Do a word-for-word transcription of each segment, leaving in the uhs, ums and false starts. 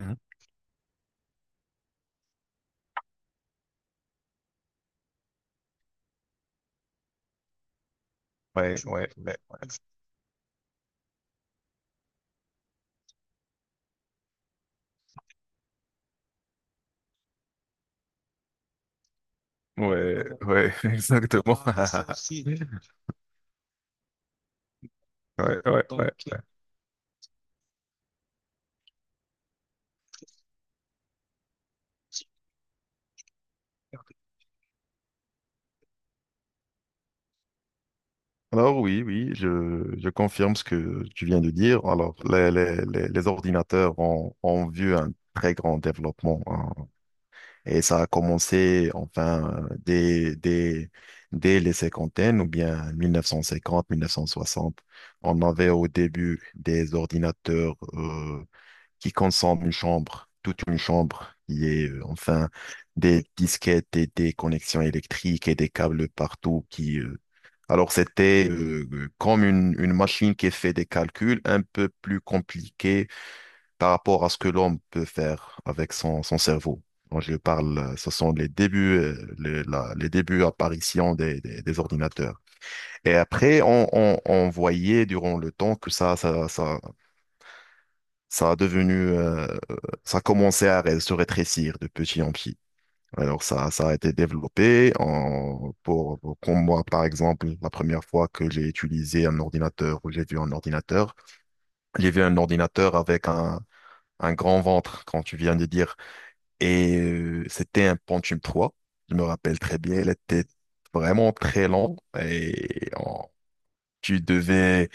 Mhm. Ouais, ouais, ouais, ouais, ouais, exactement. Ouais, ouais, ouais, ouais. Alors oui, oui, je, je confirme ce que tu viens de dire. Alors, les, les, les, les ordinateurs ont, ont vu un très grand développement, hein. Et ça a commencé, enfin, euh, dès, dès, dès les cinquantaines ou bien mille neuf cent cinquante, mille neuf cent soixante. On avait au début des ordinateurs euh, qui consomme une chambre, toute une chambre. Il y a euh, enfin des disquettes et des connexions électriques et des câbles partout qui... euh, Alors c'était euh, euh, comme une, une machine qui fait des calculs un peu plus compliqués par rapport à ce que l'homme peut faire avec son, son cerveau. Quand je parle, euh, ce sont les débuts, euh, les, la- les débuts apparition des, des, des ordinateurs. Et après, on, on, on voyait durant le temps que ça, ça, ça, ça a devenu, euh, ça commençait à ré- se rétrécir de petit en petit. Alors ça, ça a été développé en, pour, pour pour moi, par exemple, la première fois que j'ai utilisé un ordinateur ou j'ai vu un ordinateur, j'ai vu un ordinateur avec un, un grand ventre, quand tu viens de dire, et euh, c'était un Pentium trois. Je me rappelle très bien, il était vraiment très lent et on- tu devais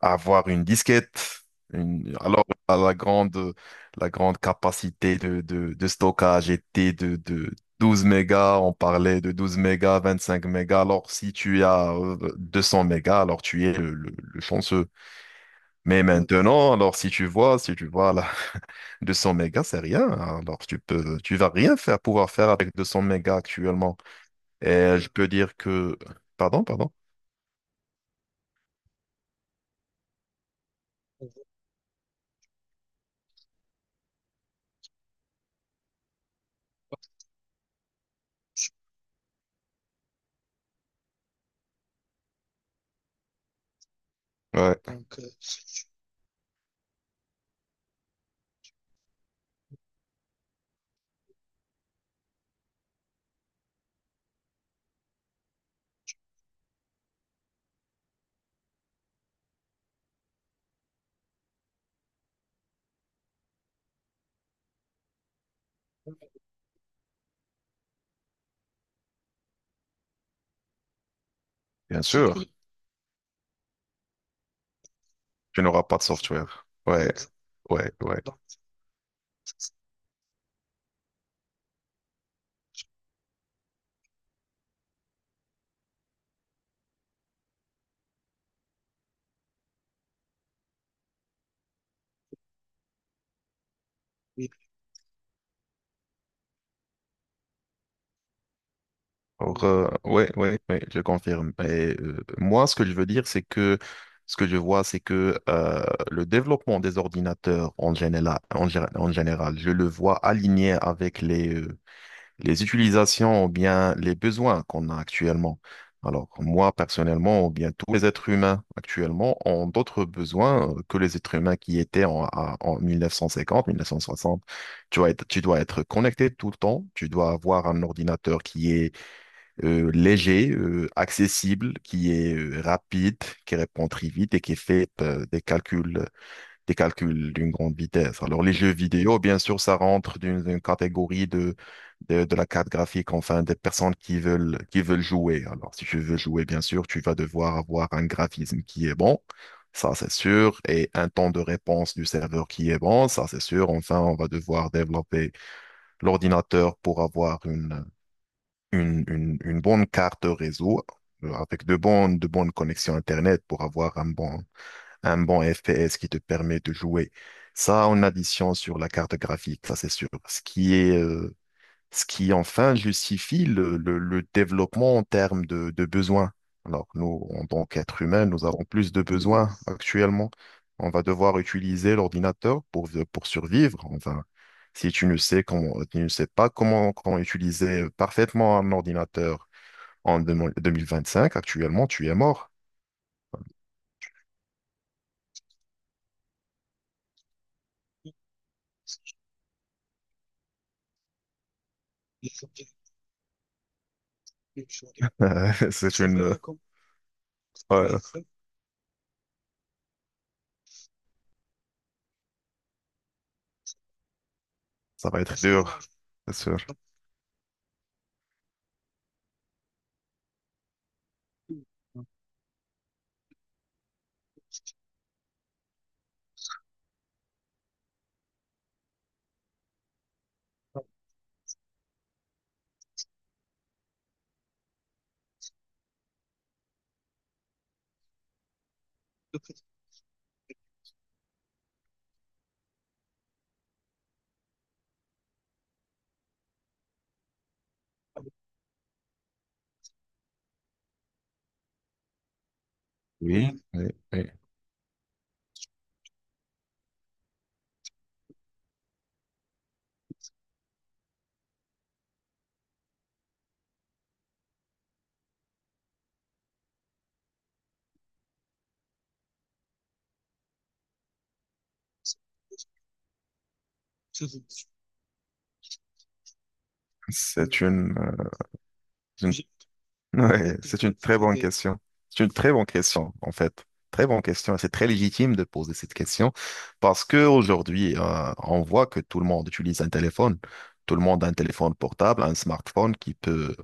avoir une disquette, une- alors la, la grande, la grande capacité de, de, de stockage était de, de douze mégas, on parlait de douze mégas, vingt-cinq mégas, alors si tu as euh, deux cents mégas, alors tu es le, le- le chanceux. Mais ouais. Maintenant, alors si tu vois, si tu vois là, deux cents mégas, c'est rien, alors tu peux, tu vas rien faire, pouvoir faire avec deux cents mégas actuellement. Et je peux dire que, pardon, pardon, Ouais, bien sûr, tu n'auras pas de software. Ouais, ouais, ouais. Or, euh, ouais, ouais, ouais, je confirme. Et, euh, moi, ce que je veux dire, c'est que ce que je vois, c'est que euh, le développement des ordinateurs en général, en, gé- en général, je le vois aligné avec les, euh, les utilisations ou bien les besoins qu'on a actuellement. Alors, moi, personnellement, ou bien tous les êtres humains actuellement ont d'autres besoins euh, que les êtres humains qui étaient en, à- en mille neuf cent cinquante, mille neuf cent soixante. Tu dois être, tu dois être connecté tout le temps, tu dois avoir un ordinateur qui est euh, léger, euh, accessible, qui est euh, rapide, qui répond très vite et qui fait euh, des calculs, des calculs d'une grande vitesse. Alors les jeux vidéo, bien sûr, ça rentre dans une catégorie de, de, de la carte graphique, enfin des personnes qui veulent, qui veulent jouer. Alors si tu veux jouer, bien sûr, tu vas devoir avoir un graphisme qui est bon. Ça, c'est sûr. Et un temps de réponse du serveur qui est bon. Ça, c'est sûr. Enfin, on va devoir développer l'ordinateur pour avoir une, une, une- une bonne carte réseau euh, avec de bonnes, de bonnes connexions Internet pour avoir un bon, un bon F P S qui te permet de jouer. Ça en addition sur la carte graphique, ça c'est sûr. Ce qui est, euh, ce qui enfin justifie le, le- le développement en termes de, de besoins. Alors nous, en tant qu'êtres humains, nous avons plus de besoins actuellement. On va devoir utiliser l'ordinateur pour, pour survivre. Enfin, si tu ne sais comment, tu ne sais pas comment, comment utiliser parfaitement un ordinateur en deux- 2025, actuellement, tu es mort. C'est une... Ouais, ça va être dur, c'est sûr. Oui, oui. Oui. C'est une, euh, une ouais, c'est une très bonne question. C'est une très bonne question, en fait. Très bonne question. C'est très légitime de poser cette question parce que aujourd'hui, euh, on voit que tout le monde utilise un téléphone. Tout le monde a un téléphone portable, un smartphone qui peut,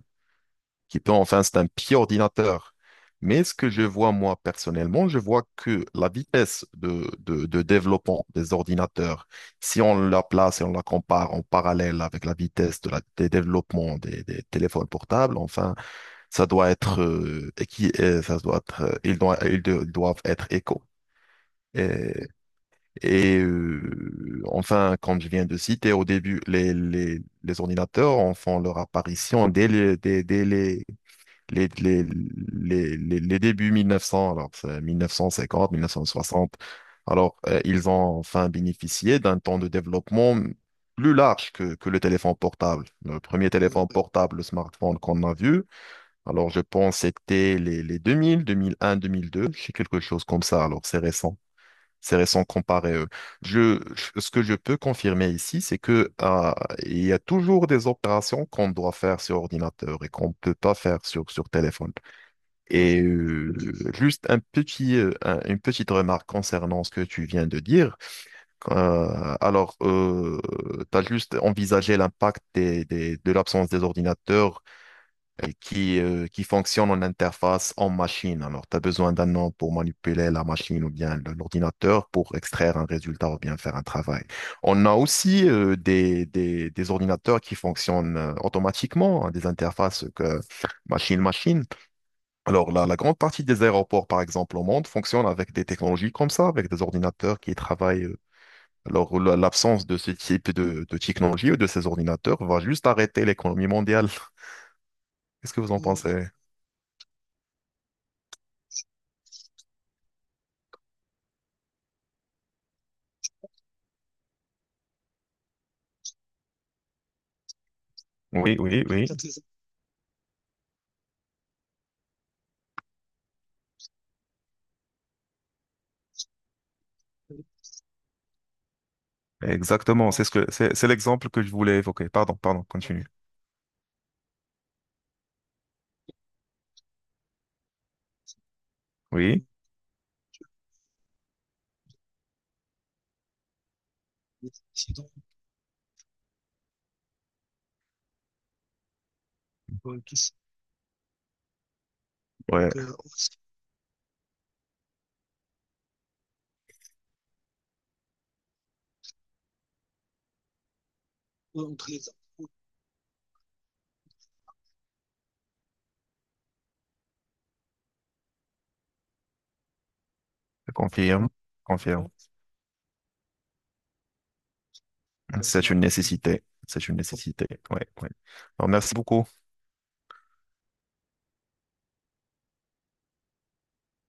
qui peut, enfin, c'est un petit ordinateur. Mais ce que je vois, moi, personnellement, je vois que la vitesse de, de, de développement des ordinateurs, si on la place et on la compare en parallèle avec la vitesse de la, des développements des des téléphones portables, enfin, ça doit être euh, et qui euh, ça doit être, euh, ils doivent, ils de- ils doivent être éco. Et, et, euh, enfin, comme je viens de citer au début, les, les, les ordinateurs en font leur apparition dès les, dès, dès les, les, les, les, les, les débuts mille neuf cents, alors c'est mille neuf cent cinquante, mille neuf cent soixante. Alors, euh, ils ont enfin bénéficié d'un temps de développement plus large que, que le téléphone portable. Le premier téléphone portable, le smartphone qu'on a vu, alors, je pense que c'était les, les deux mille, deux mille un, deux mille deux, c'est quelque chose comme ça. Alors, c'est récent. C'est récent comparé à eux. Je, je- ce que je peux confirmer ici, c'est que, ah, il y a toujours des opérations qu'on doit faire sur ordinateur et qu'on ne peut pas faire sur, sur téléphone. Et euh, juste un petit, euh, un- une petite remarque concernant ce que tu viens de dire. Euh, alors, euh, tu as juste envisagé l'impact des, des- de l'absence des ordinateurs et qui, euh, qui fonctionne en interface en machine. Alors, tu as besoin d'un nom pour manipuler la machine ou bien le- l'ordinateur pour extraire un résultat ou bien faire un travail. On a aussi euh, des, des, des ordinateurs qui fonctionnent euh, automatiquement, hein, des interfaces que machine-machine. Alors, la, la grande partie des aéroports, par exemple, au monde, fonctionnent avec des technologies comme ça, avec des ordinateurs qui travaillent. euh, Alors, la- l'absence de ce type de, de technologie ou de ces ordinateurs va juste arrêter l'économie mondiale. Qu'est-ce que vous en pensez? Oui, oui, oui. Exactement. C'est ce que c'est c'est l'exemple que je voulais évoquer. Pardon, pardon, continue. Oui, ouais, je confirme, confirme. C'est une nécessité. C'est une nécessité. Ouais, ouais. Alors, merci beaucoup.